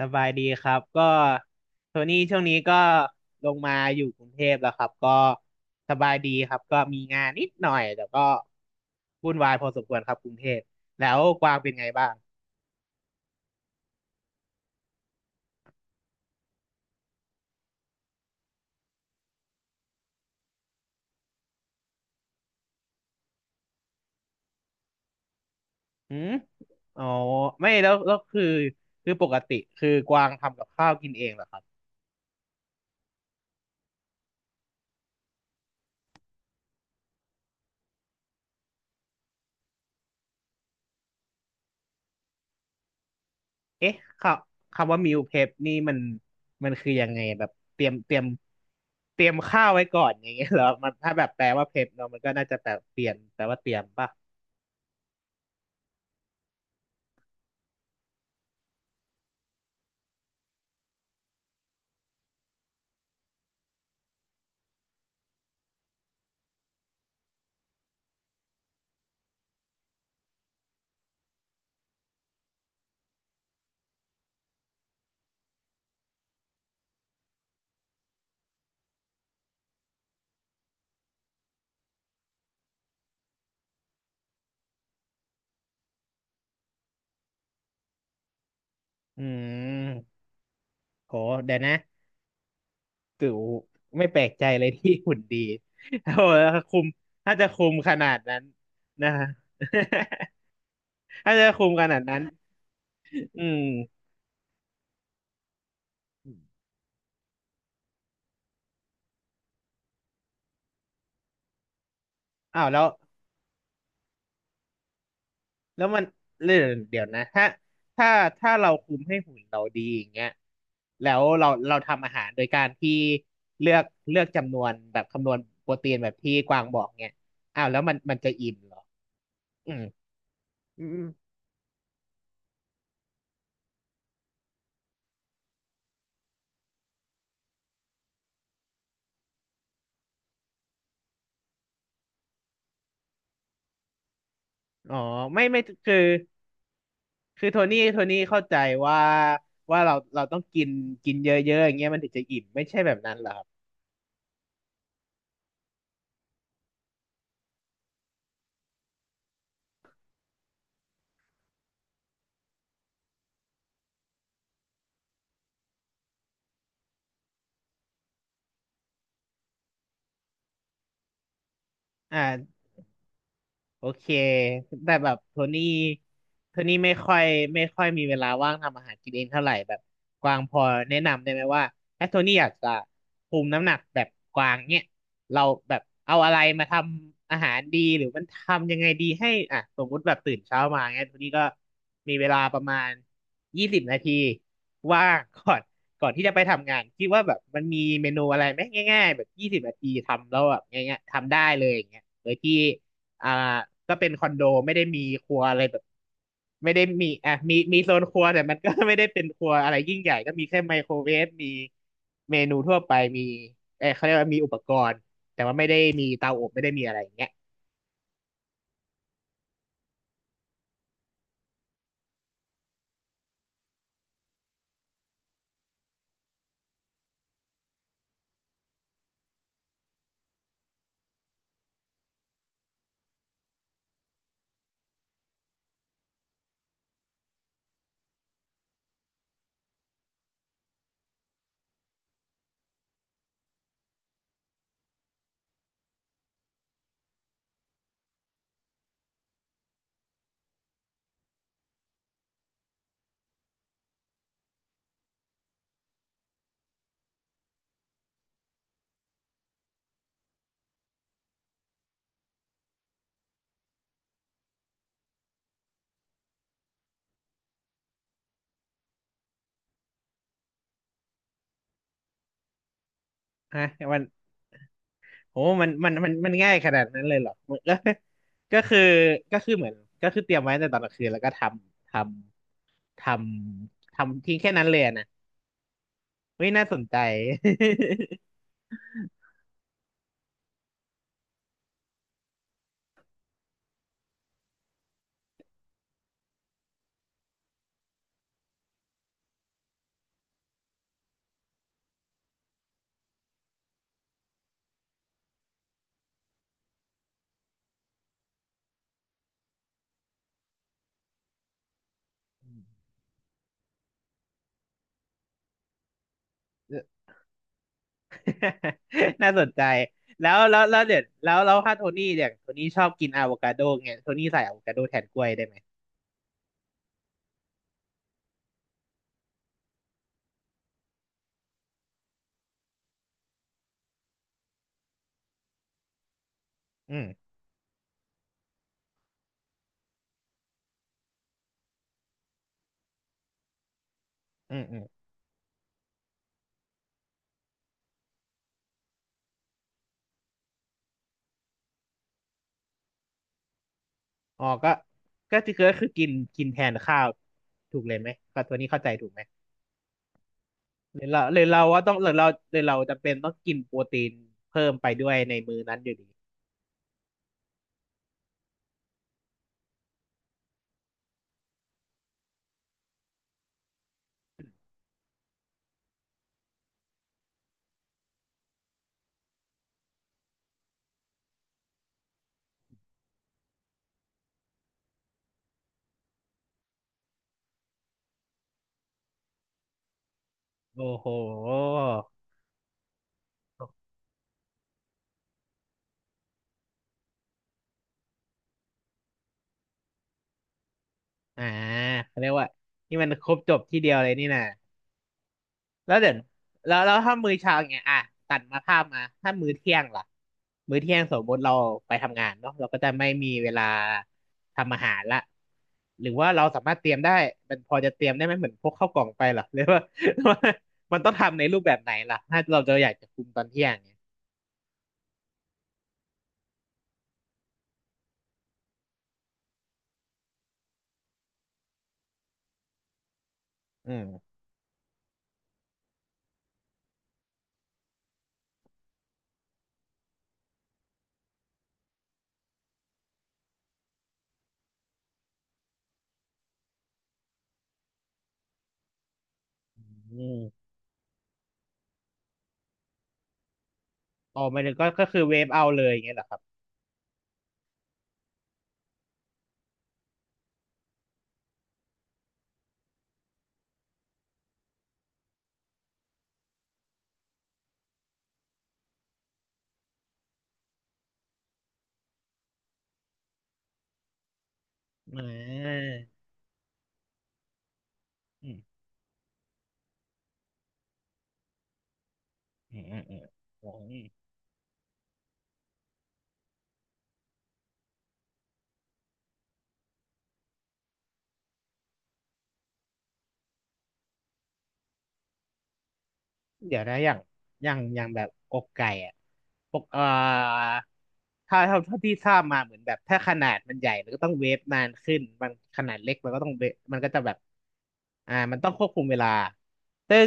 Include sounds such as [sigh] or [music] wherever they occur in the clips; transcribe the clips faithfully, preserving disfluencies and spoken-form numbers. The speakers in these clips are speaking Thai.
สบายดีครับก็โทนี่ช่วงนี้ก็ลงมาอยู่กรุงเทพแล้วครับก็สบายดีครับก็มีงานนิดหน่อยแต่ก็วุ่นวายพอสมควรครับกรุงเทพแล้วกวางเป็นไงบ้างหืมอ๋อไม่แล้วแล้วคือคือปกติคือกวางทำกับข้าวกินเองเหรอครับเอ๊ะคำคำว่ามิลเพปนี่มันมันคือยังไงแบบเตรียมเตรียมเตรียมข้าวไว้ก่อนอย่างเงี้ยเหรอมันถ้าแบบแปลว่าเพปเนาะมันก็น่าจะแปลเปลี่ยนแปลว่าเตรียมป่ะอืม โหเดี๋ยวนะตู่ไม่แปลกใจเลยที่หุ่นดีโอ้โห้คุมถ้าจะคุมขนาดนั้นนะฮะ [laughs] ถ้าจะคุมขนาดนั้นอืมอ้าวแล้วแล้วมันเรื่องเดี๋ยวนะถ้าถ้าถ้าเราคุมให้หุ่นเราดีอย่างเงี้ยแล้วเราเราทำอาหารโดยการที่เลือกเลือกจำนวนแบบคำนวณโปรตีนแบบที่กวางบอกเงี้ยอ้าวแล้วมันมันจะอิ่มเหรออืมอืมอ๋อไม่ไม่คือ คือโทนี่โทนี่เข้าใจว่าว่าเราเราต้องกินกินเยอะๆอย่างเงี้ยมันถึงจะอิ่มไม่ใช่แบบนั้นเหรอครับอ่า โอเคแต่แบบโทนี่โทนี่ไม่ค่อยไม่ค่อยมีเวลาว่างทำอาหารกินเองเท่าไหร่แบบกวางพอแนะนำได้ไหมว่าถ้าโทนี่อยากจะคุมน้ำหนักแบบกวางเนี่ยเราแบบเอาอะไรมาทำอาหารดีหรือมันทำยังไงดีให้อ่ะสมมติแบบตื่นเช้ามาเนี่ยโทนี่ก็มีเวลาประมาณยี่สิบนาทีว่าง [laughs] ก่อนก่อนที่จะไปทำงานคิดว่าแบบมันมีเมนูอะไรไหมง่ายๆแบบยี่สิบนาทีทำแล้วแบบง่ายๆทำได้เลยอย่างเงี้ยโดยที่ อ่าก็เป็นคอนโดไม่ได้มีครัวอะไรแบบไม่ได้มีอ่ะมีมีโซนครัวแต่มันก็ [laughs] ไม่ได้เป็นครัวอะไรยิ่งใหญ่ก็มีแค่ไมโครเวฟมีเมนูทั่วไปมีเออเขาเรียกว่ามีอุปกรณ์แต่ว่าไม่ได้มีเตาอบไม่ได้มีอะไรอย่างเงี้ยฮะมันโหมันมันมันมันง่ายขนาดนั้นเลยเหรอแล้ว [laughs] ก็คือก็คือเหมือนก็คือเตรียมไว้ตั้งแต่ตอนกลางคืนแล้วก็ทำทำทำทำทิ้งแค่นั้นเลยอะนะเฮ้ยน่าสนใจ [laughs] [laughs] น่าสนใจแล้วแล้วแล้วเดี๋ยวแล้วแล้วถ้าโทนี่เนี่ยโทนี่ชอบกินอะโวคาโดเงี้ยโทนี่ใส่อะโวคาโดแทนกล้วยได้ไหมอืมอืมอืมอ๋อก็ก็คือก็คือกินกินแทนข้าวถูกเลยไหมก็โทนี่เข้าใจถูกไหมหรือเราหรือเราว่าต้องหรือเราหรือเราจำเป็นต้องกินโปรตีนเพิ่มไปด้วยในมื้อนั้นอยู่ดีโอ้โหอ่าเขาเรียกว่านี่มันครบจบที่เดียวเลยนี่นะ แล้วเดี๋ยวแล้วแล้วถ้ามื้อเช้าอย่างเงี้ยอ่ะตัดมาภาพมาถ้ามื้อเที่ยงล่ะมื้อเที่ยงสมมติเราไปทำงานเนาะเราก็จะไม่มีเวลาทำอาหารละหรือว่าเราสามารถเตรียมได้มันพอจะเตรียมได้ไหมเหมือนพกข้าวกล่องไปเหรอ [laughs] หรือว่า [laughs] มันต้องทำในรูปแบบไหนล่ะถ้าเราจะอยากจะคุมตอนเที่ยงเนี่ยอืมอืมอ๋อหมายถึงก็ก็คือเวฟเอาเลยอย่างเงี้ยเหรอครับอ่าอืมอืมอืมอืม เดี๋ยวนะอย่างอย่างอย่างแบบอกไก่อ่ะปกเอ่อถ้าเท่าเท่าที่ทราบมาเหมือนแบบถ้าขนาดมันใหญ่มันก็ต้องเวฟนานขึ้นบางขนาดเล็กมันก็ต้องเวฟมันก็จะแบบอ่ามันต้องควบคุมเวลาซึ่ง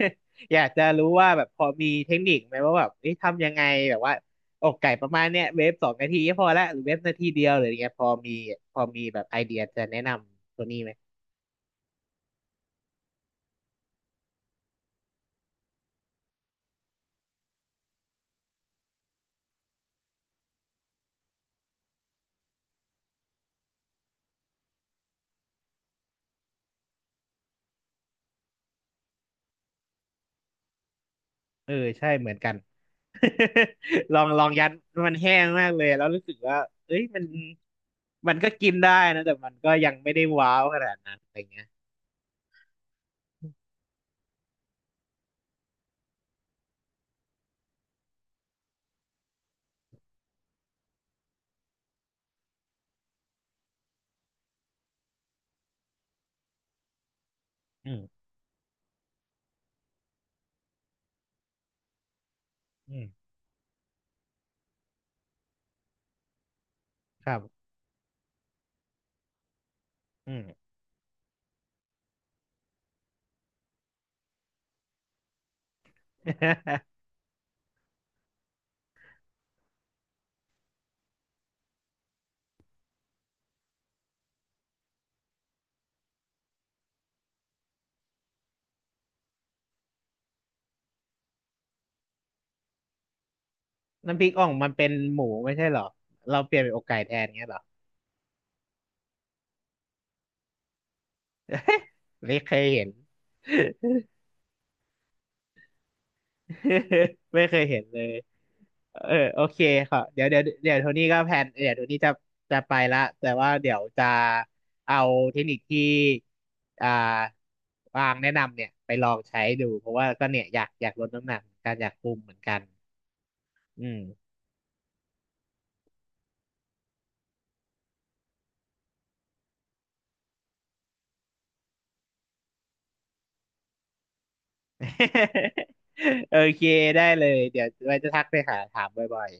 [laughs] อยากจะรู้ว่าแบบพอมีเทคนิคไหมว่าแบบเอ๊ะทำยังไงแบบว่าอกไก่ประมาณเนี้ยเวฟสองนาทีก็พอละหรือเวฟนาทีเดียวหรืออย่างเงี้ยพอมีพอมีแบบไอเดียจะแนะนำตัวนี้ไหมเออใช่เหมือนกัน [laughs] ลองลองยัดมันแห้งมากเลยแล้วรู้สึกว่าเอ้ยมันมันก็กินได้นะแต่มันก็ยังไม่ได้ว้าวขนาดนั้นอะไรเงี้ยอืมอืมครับอืม [laughs] น้ำพริกอ่องมันเป็นหมูไม่ใช่เหรอเราเปลี่ยนเป็นอกไก่แทนเงี้ยเหรอไม่เคยเห็น [laughs] ไม่เคยเห็นเลย เออโอเคค่ะเดี๋ยวเดี๋ยวเดี๋ยวโทนี่ก็แพลนเดี๋ยวโทนี่จะจะไปละแต่ว่าเดี๋ยวจะเอาเทคนิคที่อ่าวางแนะนำเนี่ยไปลองใช้ดูเพราะว่าก็เนี่ยอยากอยากลดน้ำหนักเหมือนกันอยากคุมเหมือนกันอืม [laughs] โอเคได้เลยเดี๋ยวไว้จะทักไปหาถามบ่อย